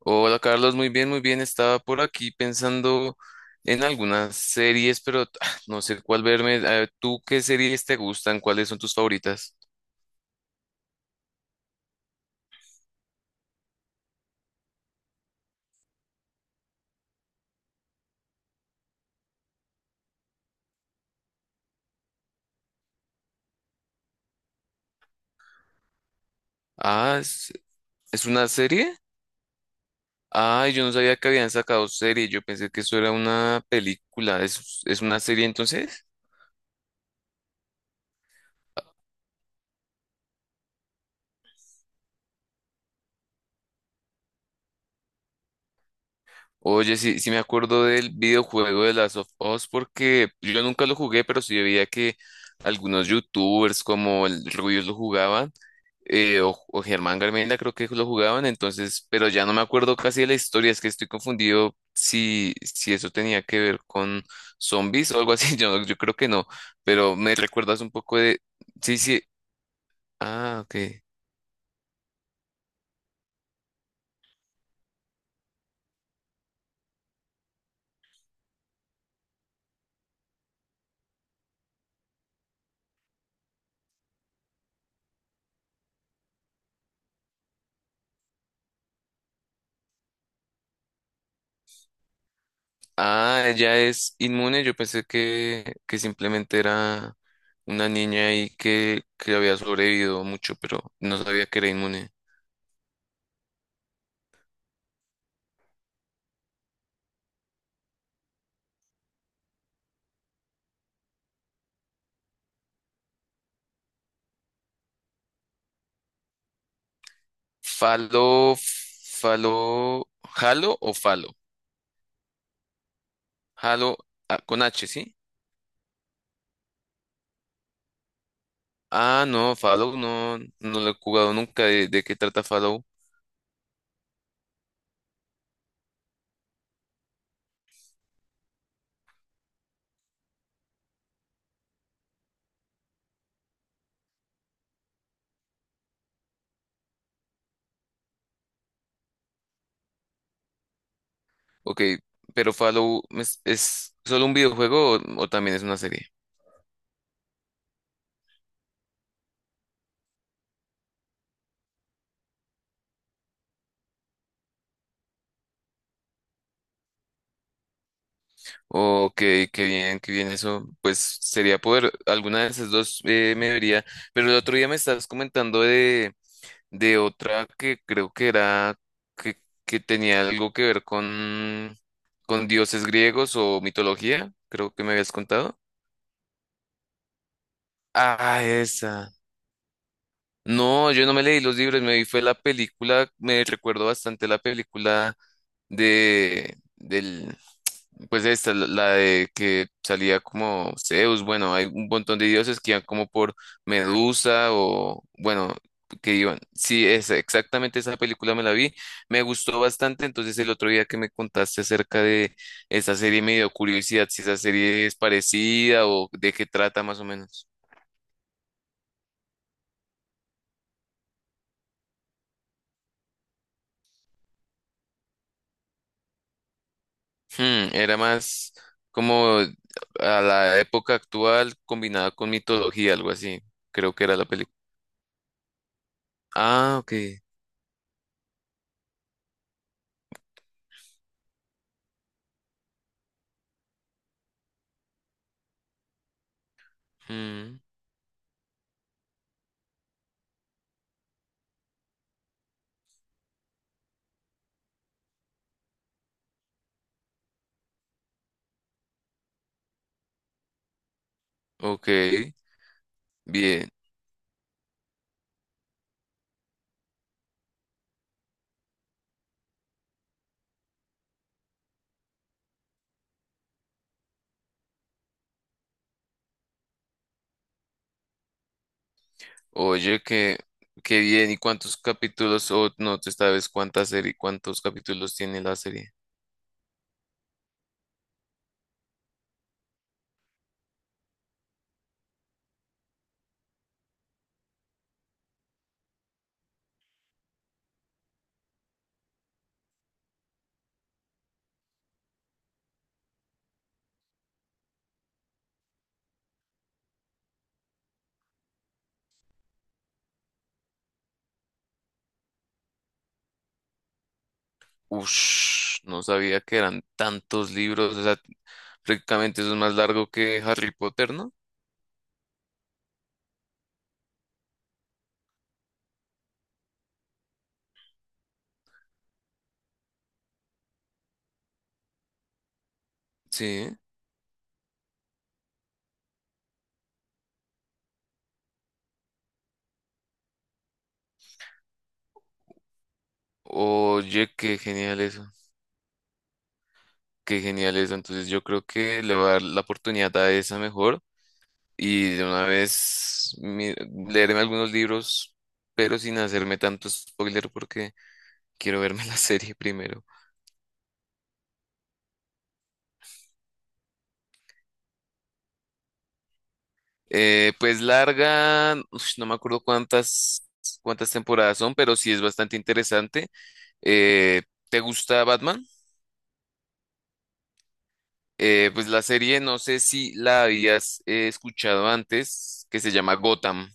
Hola Carlos, muy bien, muy bien. Estaba por aquí pensando en algunas series, pero no sé cuál verme. ¿Tú qué series te gustan? ¿Cuáles son tus favoritas? Ah, ¿es una serie? Ay, yo no sabía que habían sacado serie. Yo pensé que eso era una película. ¿Es una serie entonces? Oye, sí, sí me acuerdo del videojuego de Last of Us porque yo nunca lo jugué, pero sí veía que algunos youtubers como el Rubius lo jugaban, o Germán Garmendia creo que lo jugaban, entonces, pero ya no me acuerdo casi de la historia, es que estoy confundido si eso tenía que ver con zombies o algo así, yo creo que no, pero me recuerdas un poco de... Sí, sí, ah, ok. Ah, ella es inmune. Yo pensé que simplemente era una niña ahí que había sobrevivido mucho, pero no sabía que era inmune. Falo, falo, halo o falo. Halo, ah, con H, ¿sí? Ah, no, Fallout no, no lo he jugado nunca. ¿De qué trata Fallout? Ok, pero Fallout es solo un videojuego o también es una serie? Oh, ok, qué bien eso. Pues sería poder, alguna de esas dos me vería, pero el otro día me estabas comentando de otra que creo que era, que, que tenía algo que ver con dioses griegos o mitología, creo que me habías contado. Ah, esa. No, yo no me leí los libros, me vi fue la película, me recuerdo bastante la película de, del, pues de esta, la de que salía como Zeus. Bueno, hay un montón de dioses que iban como por Medusa o, bueno, que iban. Sí, es exactamente esa película me la vi, me gustó bastante, entonces el otro día que me contaste acerca de esa serie me dio curiosidad si esa serie es parecida o de qué trata más o menos. Hmm, era más como a la época actual combinada con mitología, algo así, creo que era la película. Ah, ok. Mm, ok, bien. Oye, qué, qué bien. ¿Y cuántos capítulos? O no, tú sabes cuánta serie, cuántos capítulos tiene la serie. Ush, no sabía que eran tantos libros. O sea, prácticamente eso es más largo que Harry Potter, ¿no? Sí. Oye, qué genial eso. Qué genial eso. Entonces yo creo que le voy a dar la oportunidad a esa mejor. Y de una vez leerme algunos libros, pero sin hacerme tanto spoiler porque... Quiero verme la serie primero. Pues larga, ush, no me acuerdo cuántas temporadas son, pero sí es bastante interesante. Eh, ¿Te gusta Batman? Pues la serie, no sé si la habías escuchado antes, que se llama Gotham.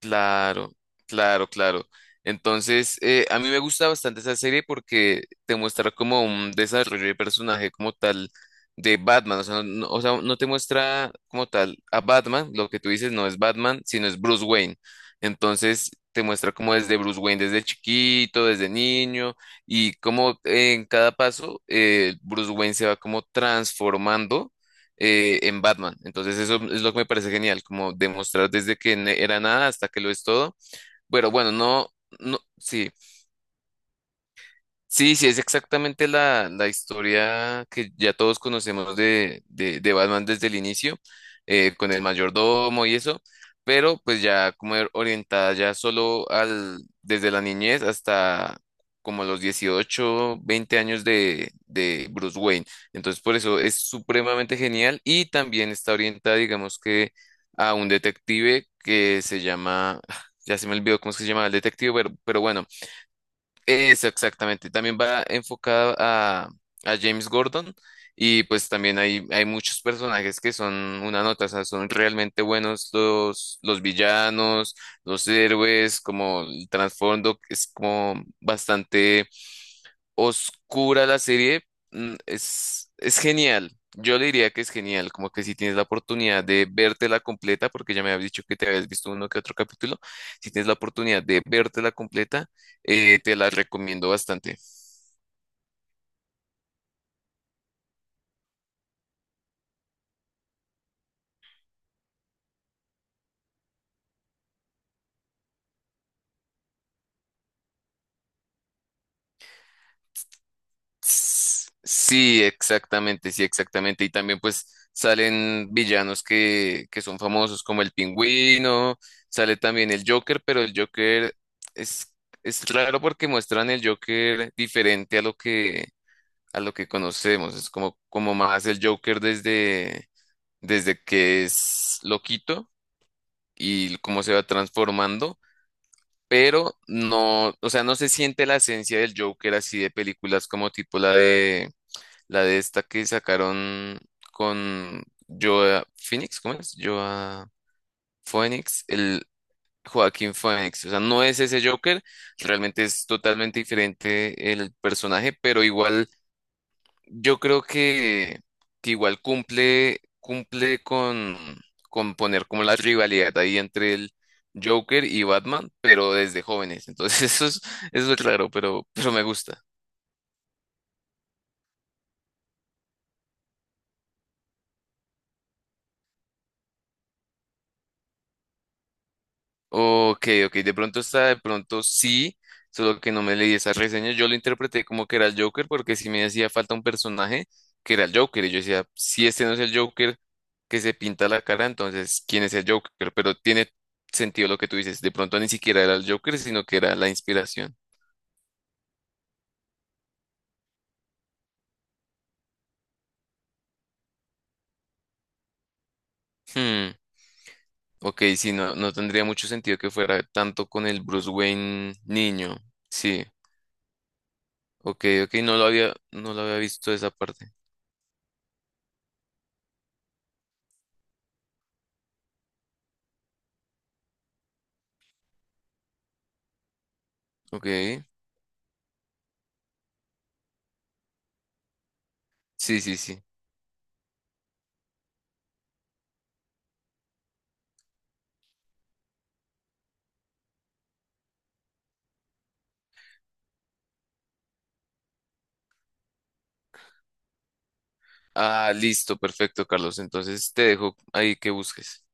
Claro, claro, claro. Entonces, a mí me gusta bastante esa serie porque te muestra como un desarrollo de personaje como tal de Batman. O sea, no te muestra como tal a Batman, lo que tú dices no es Batman, sino es Bruce Wayne. Entonces, te muestra como desde Bruce Wayne, desde chiquito, desde niño, y como en cada paso Bruce Wayne se va como transformando en Batman. Entonces eso es lo que me parece genial, como demostrar desde que era nada hasta que lo es todo. Pero bueno, no, no, sí. Sí, sí, es exactamente la historia que ya todos conocemos de Batman desde el inicio, con el mayordomo y eso, pero pues ya como orientada ya solo al, desde la niñez hasta como los 18, 20 años de Bruce Wayne. Entonces por eso es supremamente genial y también está orientada, digamos que, a un detective que se llama, ya se me olvidó cómo es que se llama el detective, pero bueno eso, exactamente. También va enfocada a James Gordon y pues también hay muchos personajes que son una nota, o sea, son realmente buenos los villanos, los héroes, como el trasfondo es como bastante oscura la serie, mm, es genial. Yo le diría que es genial, como que si tienes la oportunidad de vértela completa, porque ya me habías dicho que te habías visto uno que otro capítulo, si tienes la oportunidad de vértela completa, te la recomiendo bastante. S- Sí, exactamente, sí, exactamente. Y también pues salen villanos que son famosos como el Pingüino, sale también el Joker, pero el Joker es, es raro porque muestran el Joker diferente a lo que conocemos. Es como, como más el Joker desde que es loquito y cómo se va transformando, pero no, o sea, no se siente la esencia del Joker así de películas como tipo la de esta que sacaron con Joa Phoenix, ¿cómo es? Joa Phoenix, el Joaquín Phoenix. O sea, no es ese Joker, realmente es totalmente diferente el personaje, pero igual yo creo que igual cumple, cumple con poner como la rivalidad ahí entre el Joker y Batman, pero desde jóvenes. Entonces eso es raro, pero me gusta. Ok, ok, de pronto está, de pronto sí, solo que no me leí esas reseñas. Yo lo interpreté como que era el Joker porque sí me hacía falta un personaje que era el Joker. Y yo decía, si este no es el Joker que se pinta la cara, entonces, ¿quién es el Joker? Pero tiene sentido lo que tú dices. De pronto ni siquiera era el Joker, sino que era la inspiración. Hmm, ok, sí, no, no tendría mucho sentido que fuera tanto con el Bruce Wayne niño. Sí. Ok, ok, no lo había, no lo había visto esa parte. Ok, sí, sí, sí. Ah, listo, perfecto, Carlos. Entonces te dejo ahí que busques.